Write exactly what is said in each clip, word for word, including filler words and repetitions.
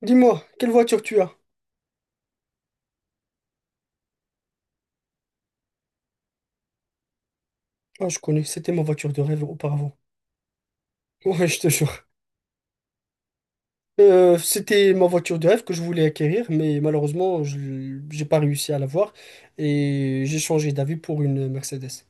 Dis-moi, quelle voiture tu as? Ah, je connais, c'était ma voiture de rêve auparavant. Ouais, je te jure. Euh, c'était ma voiture de rêve que je voulais acquérir, mais malheureusement, je j'ai pas réussi à l'avoir et j'ai changé d'avis pour une Mercedes.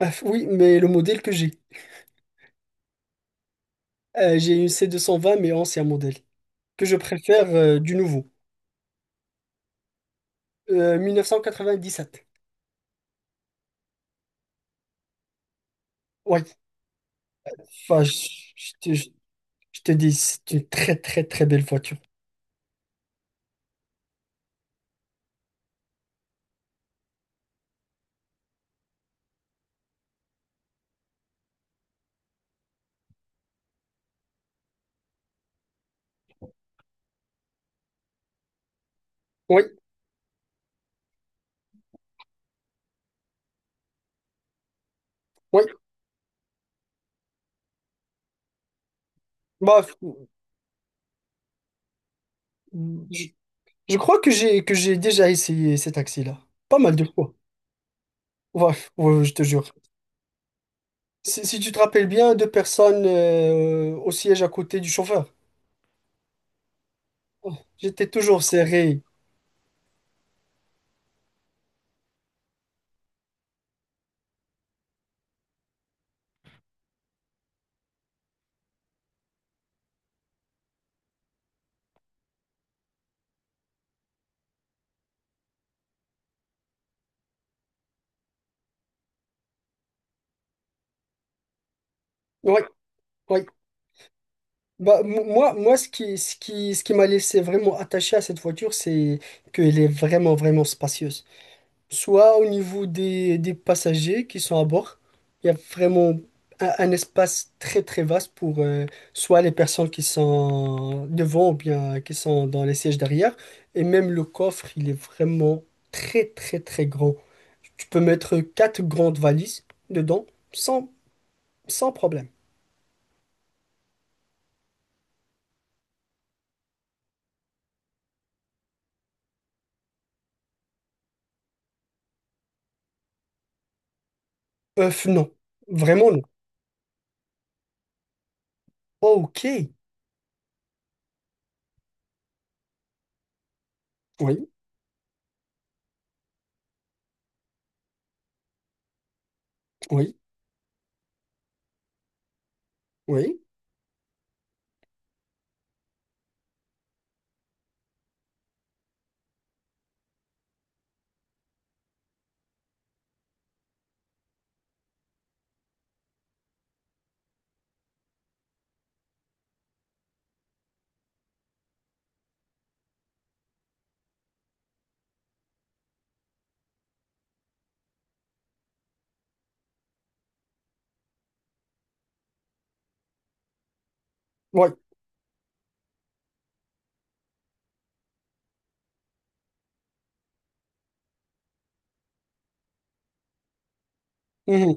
Ah, oui, mais le modèle que j'ai. Euh, j'ai une c deux cent vingt, mais ancien modèle, que je préfère euh, du nouveau. Euh, mille neuf cent quatre-vingt-dix-sept. Ouais, enfin, je je te je te dis, c'est une très très très belle voiture. Oui, oui. Bah, je, Je crois que j'ai que j'ai déjà essayé cet taxi là pas mal de fois. Ouais, ouais, je te jure. Si, si tu te rappelles bien, deux personnes euh, au siège à côté du chauffeur. Oh, j'étais toujours serré. Ouais, ouais. Bah, mo- moi, moi, ce qui, ce qui, ce qui m'a laissé vraiment attaché à cette voiture, c'est qu'elle est vraiment, vraiment spacieuse, soit au niveau des, des passagers qui sont à bord. Il y a vraiment un, un espace très très vaste pour euh, soit les personnes qui sont devant ou bien qui sont dans les sièges derrière. Et même le coffre, il est vraiment très très très grand. Tu peux mettre quatre grandes valises dedans sans, sans problème. Œuf, non. Vraiment non. Ok. Oui, oui, oui. Oui. Mhm.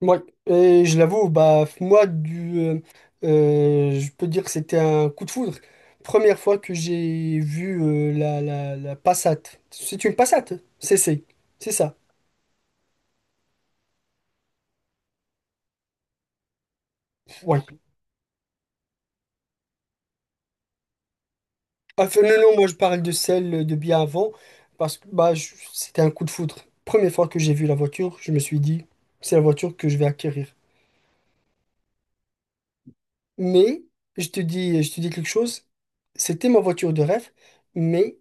Moi, euh, je l'avoue, bah moi du, euh, euh, je peux dire que c'était un coup de foudre. Première fois que j'ai vu euh, la, la, la Passat. C'est une Passat, c'est c'est c'est ça. Oui. Enfin, non, non, moi je parle de celle de bien avant parce que bah je- c'était un coup de foudre. Première fois que j'ai vu la voiture, je me suis dit c'est la voiture que je vais acquérir. Mais je te dis, je te dis quelque chose. C'était ma voiture de rêve, mais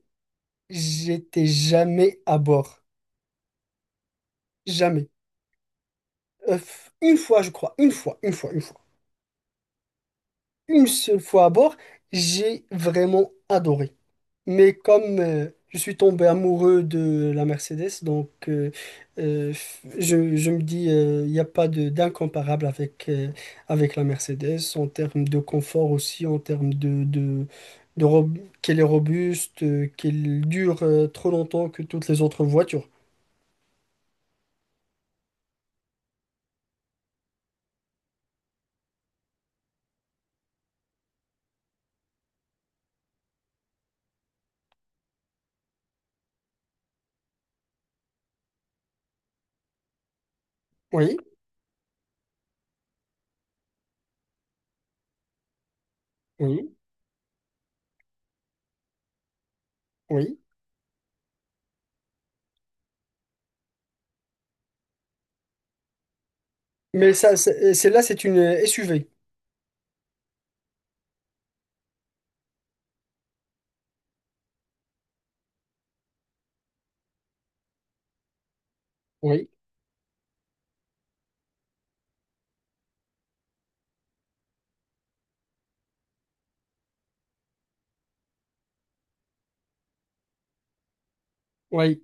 j'étais jamais à bord, jamais. Euh, une fois, je crois, une fois, une fois, une fois, une seule fois à bord, j'ai vraiment adoré. Mais comme euh, je suis tombé amoureux de la Mercedes, donc euh, euh, je, je me dis, euh, il n'y a pas de d'incomparable avec, euh, avec la Mercedes en termes de confort aussi, en termes de, de, de rob- qu'elle est robuste, euh, qu'elle dure euh, trop longtemps que toutes les autres voitures. Oui, oui, oui. Mais ça, c'est- celle-là, c'est une S U V. Oui, oui.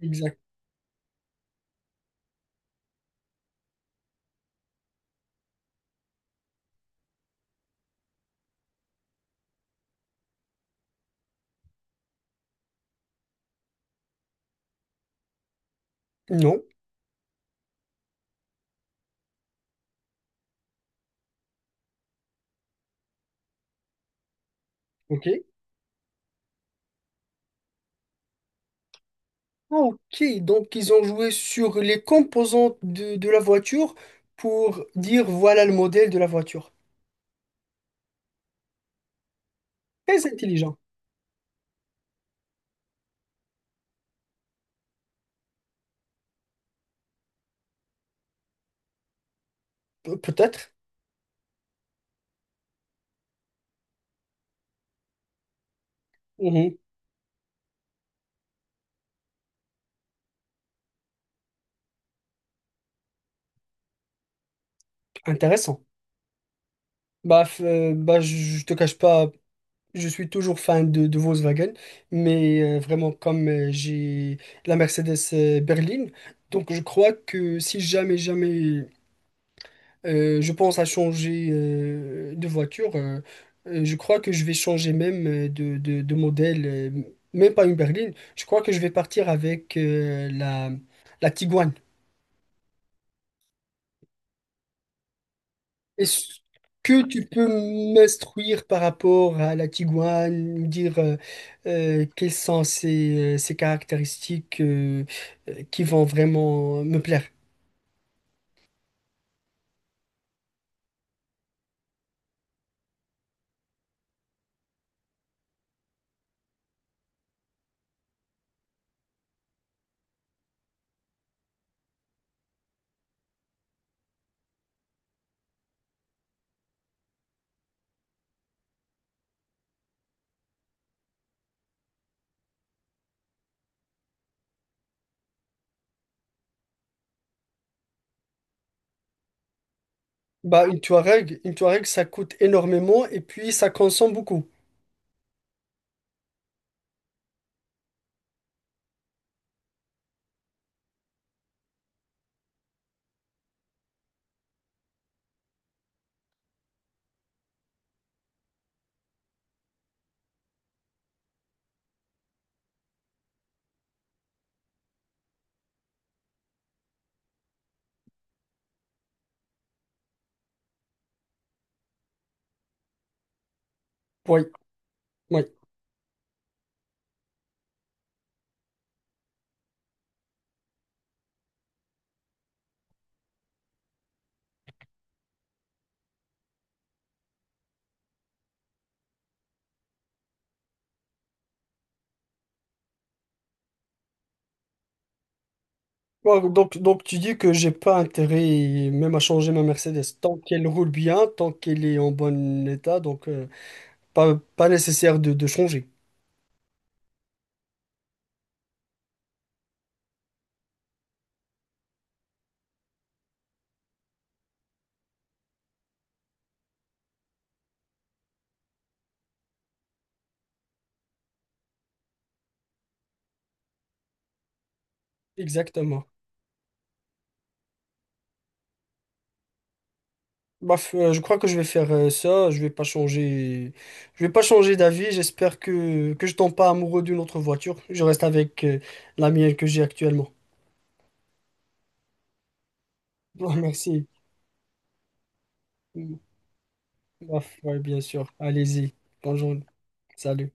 Exact. Non. Ok. Ah, ok. Donc, ils ont joué sur les composantes de, de la voiture pour dire voilà le modèle de la voiture. Très intelligent. Pe- peut-être. Mhm. Intéressant. Bah, f- euh, bah, je je te cache pas, je suis toujours fan de, de Volkswagen, mais euh, vraiment, comme euh, j'ai la Mercedes euh, berline, donc je crois que si jamais, jamais Euh, je pense à changer euh, de voiture. Euh, euh, je crois que je vais changer même euh, de, de, de modèle, euh, même pas une berline. Je crois que je vais partir avec euh, la, la Tiguan. Est-ce que tu peux m'instruire par rapport à la Tiguan, me dire euh, euh, quelles sont ses, euh, ses caractéristiques euh, euh, qui vont vraiment me plaire? Bah, une Touareg, une Touareg, ça coûte énormément et puis ça consomme beaucoup. Oui, oui. Bon, donc, donc tu dis que j'ai pas intérêt même à changer ma Mercedes. Tant qu'elle roule bien, tant qu'elle est en bon état, donc euh, pas, pas nécessaire de, de changer. Exactement. Bah, f- euh, je crois que je vais faire euh, ça. Je vais pas changer. Je vais pas changer d'avis. J'espère que, que je tombe pas amoureux d'une autre voiture. Je reste avec euh, la mienne que j'ai actuellement. Bon, merci. Bah, ouais, bien sûr. Allez-y. Bonjour. Salut.